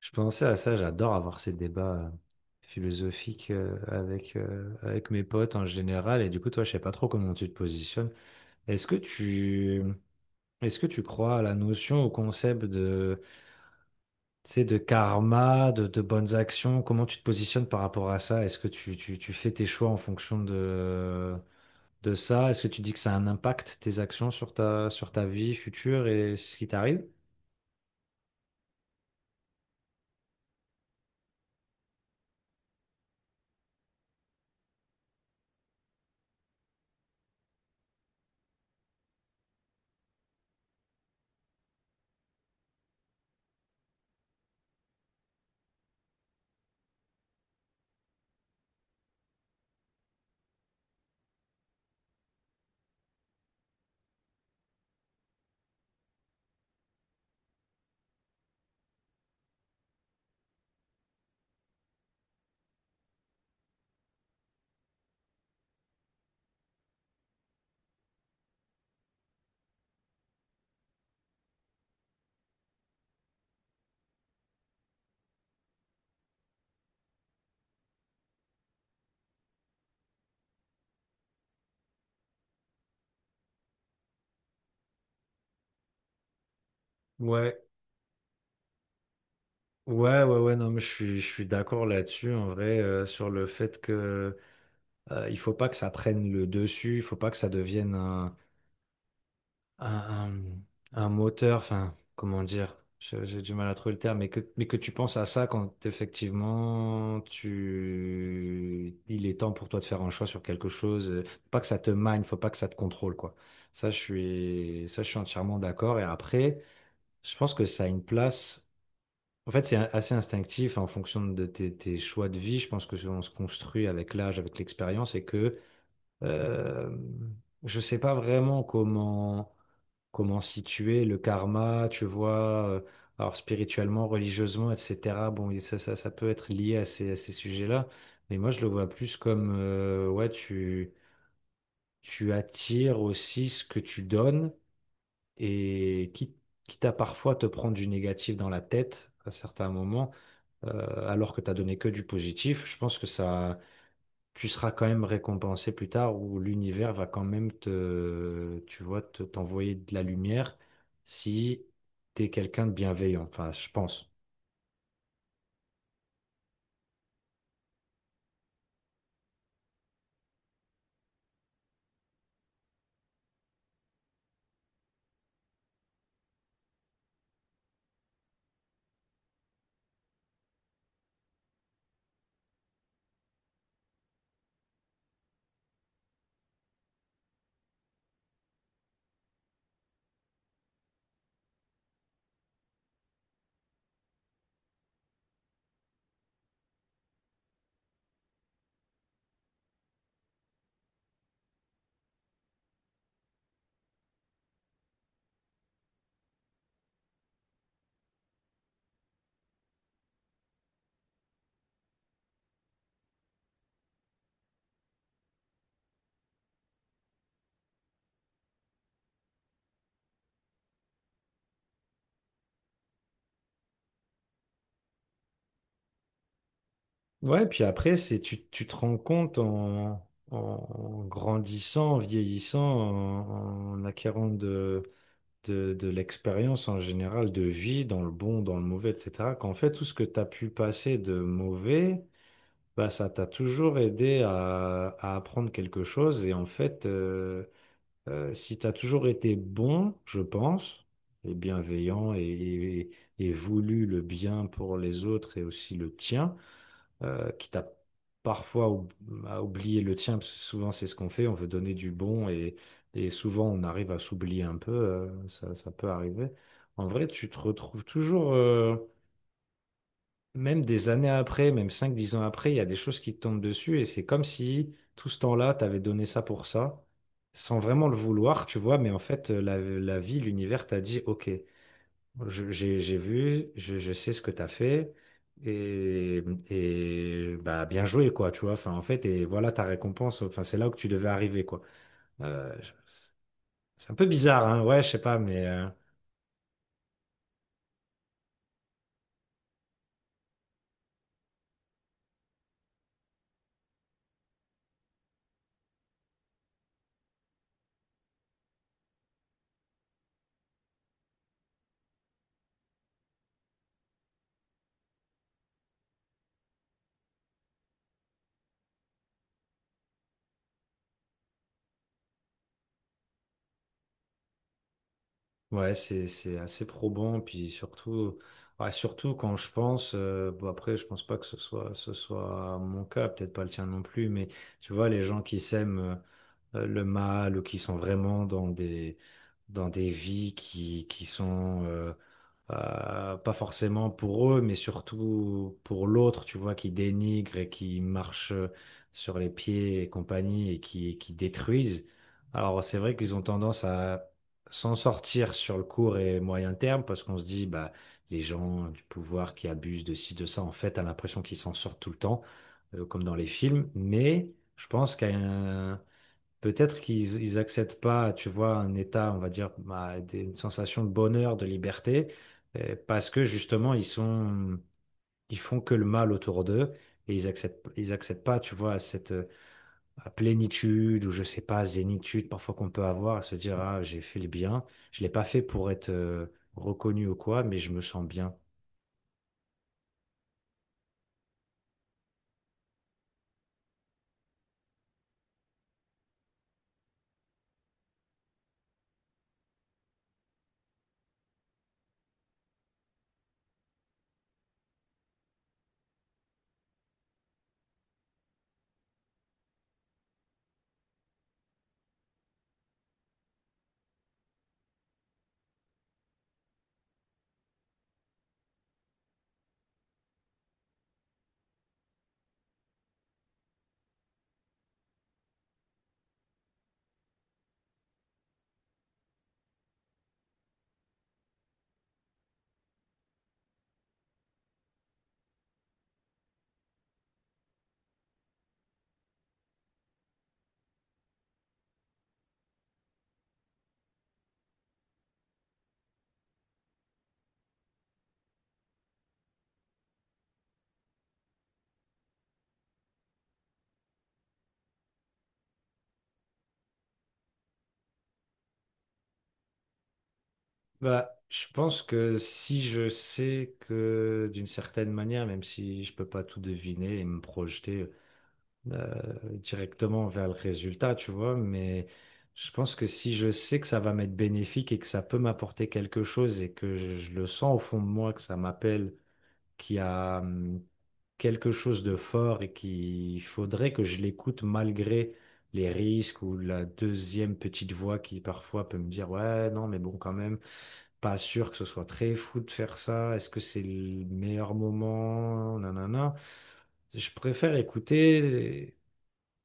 Je pensais à ça, j'adore avoir ces débats philosophiques avec mes potes en général. Et du coup, toi, je sais pas trop comment tu te positionnes. Est-ce que tu, est-ce que tu crois à la notion, au concept de, tu sais, de karma, de bonnes actions? Comment tu te positionnes par rapport à ça? Est-ce que tu fais tes choix en fonction de ça? Est-ce que tu dis que ça a un impact, tes actions, sur ta, vie future et ce qui t'arrive? Ouais, ouais, ouais, ouais, non, mais je suis d'accord là-dessus, en vrai, sur le fait que il faut pas que ça prenne le dessus, il faut pas que ça devienne un, un- un moteur, enfin, comment dire, j'ai du mal à trouver le terme, mais que tu penses à ça quand effectivement il est temps pour toi de faire un choix sur quelque chose, faut pas que ça te mine, faut pas que ça te contrôle, quoi. Ça, je suis entièrement d'accord. Et après, je pense que ça a une place. En fait, c'est assez instinctif en fonction de tes choix de vie. Je pense que on se construit avec l'âge, avec l'expérience, et que euh, je sais pas vraiment comment situer le karma, tu vois. Alors spirituellement, religieusement, etc. Bon, et ça peut être lié à ces, sujets-là, mais moi je le vois plus comme ouais, tu attires aussi ce que tu donnes et quitte à parfois te prendre du négatif dans la tête à certains moments alors que tu as donné que du positif, je pense que ça, tu seras quand même récompensé plus tard ou l'univers va quand même tu vois, t'envoyer de la lumière si tu es quelqu'un de bienveillant, enfin, je pense. Ouais, puis après, tu te rends compte en, en, grandissant, en vieillissant, en, en, acquérant de l'expérience en général de vie, dans le bon, dans le mauvais, etc., qu'en fait, tout ce que tu as pu passer de mauvais, bah, ça t'a toujours aidé à apprendre quelque chose. Et en fait, si tu as toujours été bon, je pense, et bienveillant et voulu le bien pour les autres et aussi le tien, quitte à parfois à oublier le tien, parce que souvent c'est ce qu'on fait, on veut donner du bon et souvent on arrive à s'oublier un peu, ça peut arriver. En vrai, tu te retrouves toujours. Même des années après, même 5, 10 ans après, il y a des choses qui te tombent dessus et c'est comme si tout ce temps-là, t'avais donné ça pour ça, sans vraiment le vouloir, tu vois, mais en fait, la vie, l'univers t'a dit, OK, j'ai vu, je sais ce que t'as fait et, et bah, bien joué, quoi, tu vois, enfin, en fait, et voilà ta récompense, enfin, c'est là où tu devais arriver, quoi. Euh, je- c'est un peu bizarre, hein, ouais, je sais pas, mais. Ouais, c'est assez probant, puis surtout, ouais, surtout quand je pense, bon après, je pense pas que ce soit mon cas, peut-être pas le tien non plus, mais tu vois, les gens qui s'aiment le mal ou qui sont vraiment dans des vies qui sont, pas forcément pour eux, mais surtout pour l'autre, tu vois, qui dénigre et qui marche sur les pieds et compagnie et qui détruisent. Alors c'est vrai qu'ils ont tendance à s'en sortir sur le court et moyen terme parce qu'on se dit, bah, les gens du pouvoir qui abusent de ci, de ça, en fait, t'as l'impression qu'ils s'en sortent tout le temps, comme dans les films, mais je pense qu'à un. Peut-être qu'ils acceptent pas, tu vois, un état, on va dire, bah, une sensation de bonheur, de liberté, parce que justement, ils font que le mal autour d'eux et ils acceptent pas, tu vois, cette plénitude ou je sais pas, zénitude parfois qu'on peut avoir, à se dire, ah, j'ai fait le bien, je l'ai pas fait pour être reconnu ou quoi, mais je me sens bien. Bah, je pense que si je sais que d'une certaine manière, même si je peux pas tout deviner et me projeter. Directement vers le résultat, tu vois, mais je pense que si je sais que ça va m'être bénéfique et que ça peut m'apporter quelque chose et que je le sens au fond de moi, que ça m'appelle, qu'il y a quelque chose de fort et qu'il faudrait que je l'écoute malgré les risques ou la deuxième petite voix qui parfois peut me dire, ouais, non, mais bon, quand même, pas sûr que ce soit très fou de faire ça, est-ce que c'est le meilleur moment, nanana. Je préfère écouter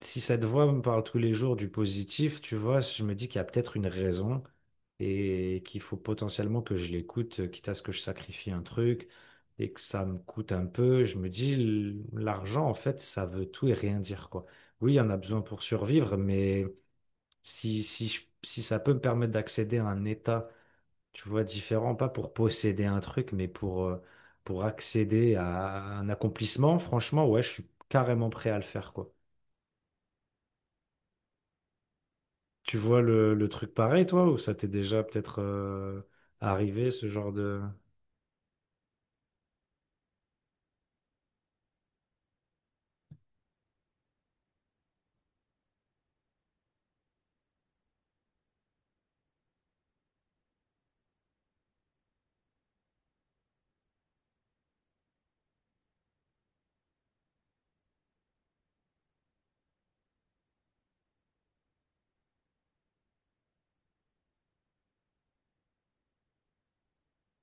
si cette voix me parle tous les jours du positif, tu vois, je me dis qu'il y a peut-être une raison et qu'il faut potentiellement que je l'écoute, quitte à ce que je sacrifie un truc et que ça me coûte un peu. Je me dis, l'argent, en fait, ça veut tout et rien dire, quoi. Oui, il y en a besoin pour survivre, mais si ça peut me permettre d'accéder à un état, tu vois, différent, pas pour posséder un truc, mais pour accéder à un accomplissement, franchement, ouais, je suis carrément prêt à le faire, quoi. Tu vois le truc pareil, toi, ou ça t'est déjà peut-être arrivé, ce genre de.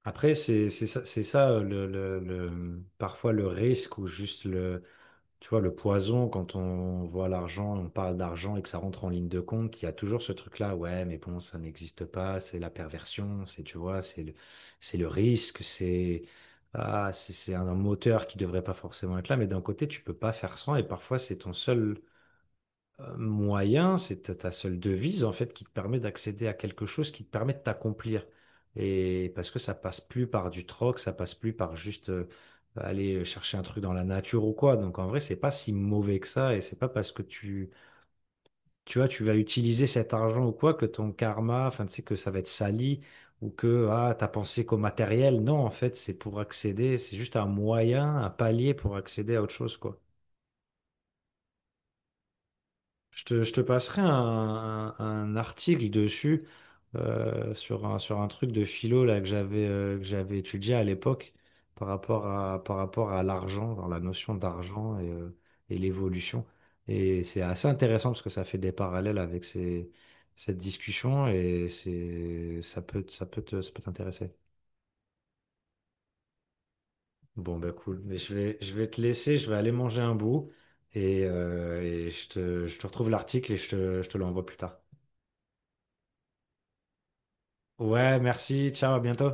Après, c'est ça, c'est ça le parfois le risque ou juste le, tu vois, le poison quand on voit l'argent, on parle d'argent et que ça rentre en ligne de compte, il y a toujours ce truc-là, ouais, mais bon, ça n'existe pas, c'est la perversion, c'est, tu vois, c'est le risque, c'est ah, c'est un moteur qui devrait pas forcément être là, mais d'un côté, tu peux pas faire sans et parfois, c'est ton seul moyen, c'est ta seule devise en fait qui te permet d'accéder à quelque chose qui te permet de t'accomplir. Et parce que ça passe plus par du troc, ça passe plus par juste aller chercher un truc dans la nature ou quoi. Donc en vrai, c'est pas si mauvais que ça et c'est pas parce que tu vois, tu vas utiliser cet argent ou quoi que ton karma, enfin tu sais que ça va être sali ou que ah, t'as pensé qu'au matériel. Non, en fait, c'est pour accéder, c'est juste un moyen, un palier pour accéder à autre chose quoi. Je te passerai un article dessus sur un truc de philo là, que j'avais étudié à l'époque par rapport à, l'argent, dans la notion d'argent et l'évolution. Et c'est assez intéressant parce que ça fait des parallèles avec cette discussion et ça peut t'intéresser. Bon, bah cool. Mais je vais te laisser, je vais aller manger un bout et je te retrouve l'article et je te l'envoie plus tard. Ouais, merci. Ciao, à bientôt.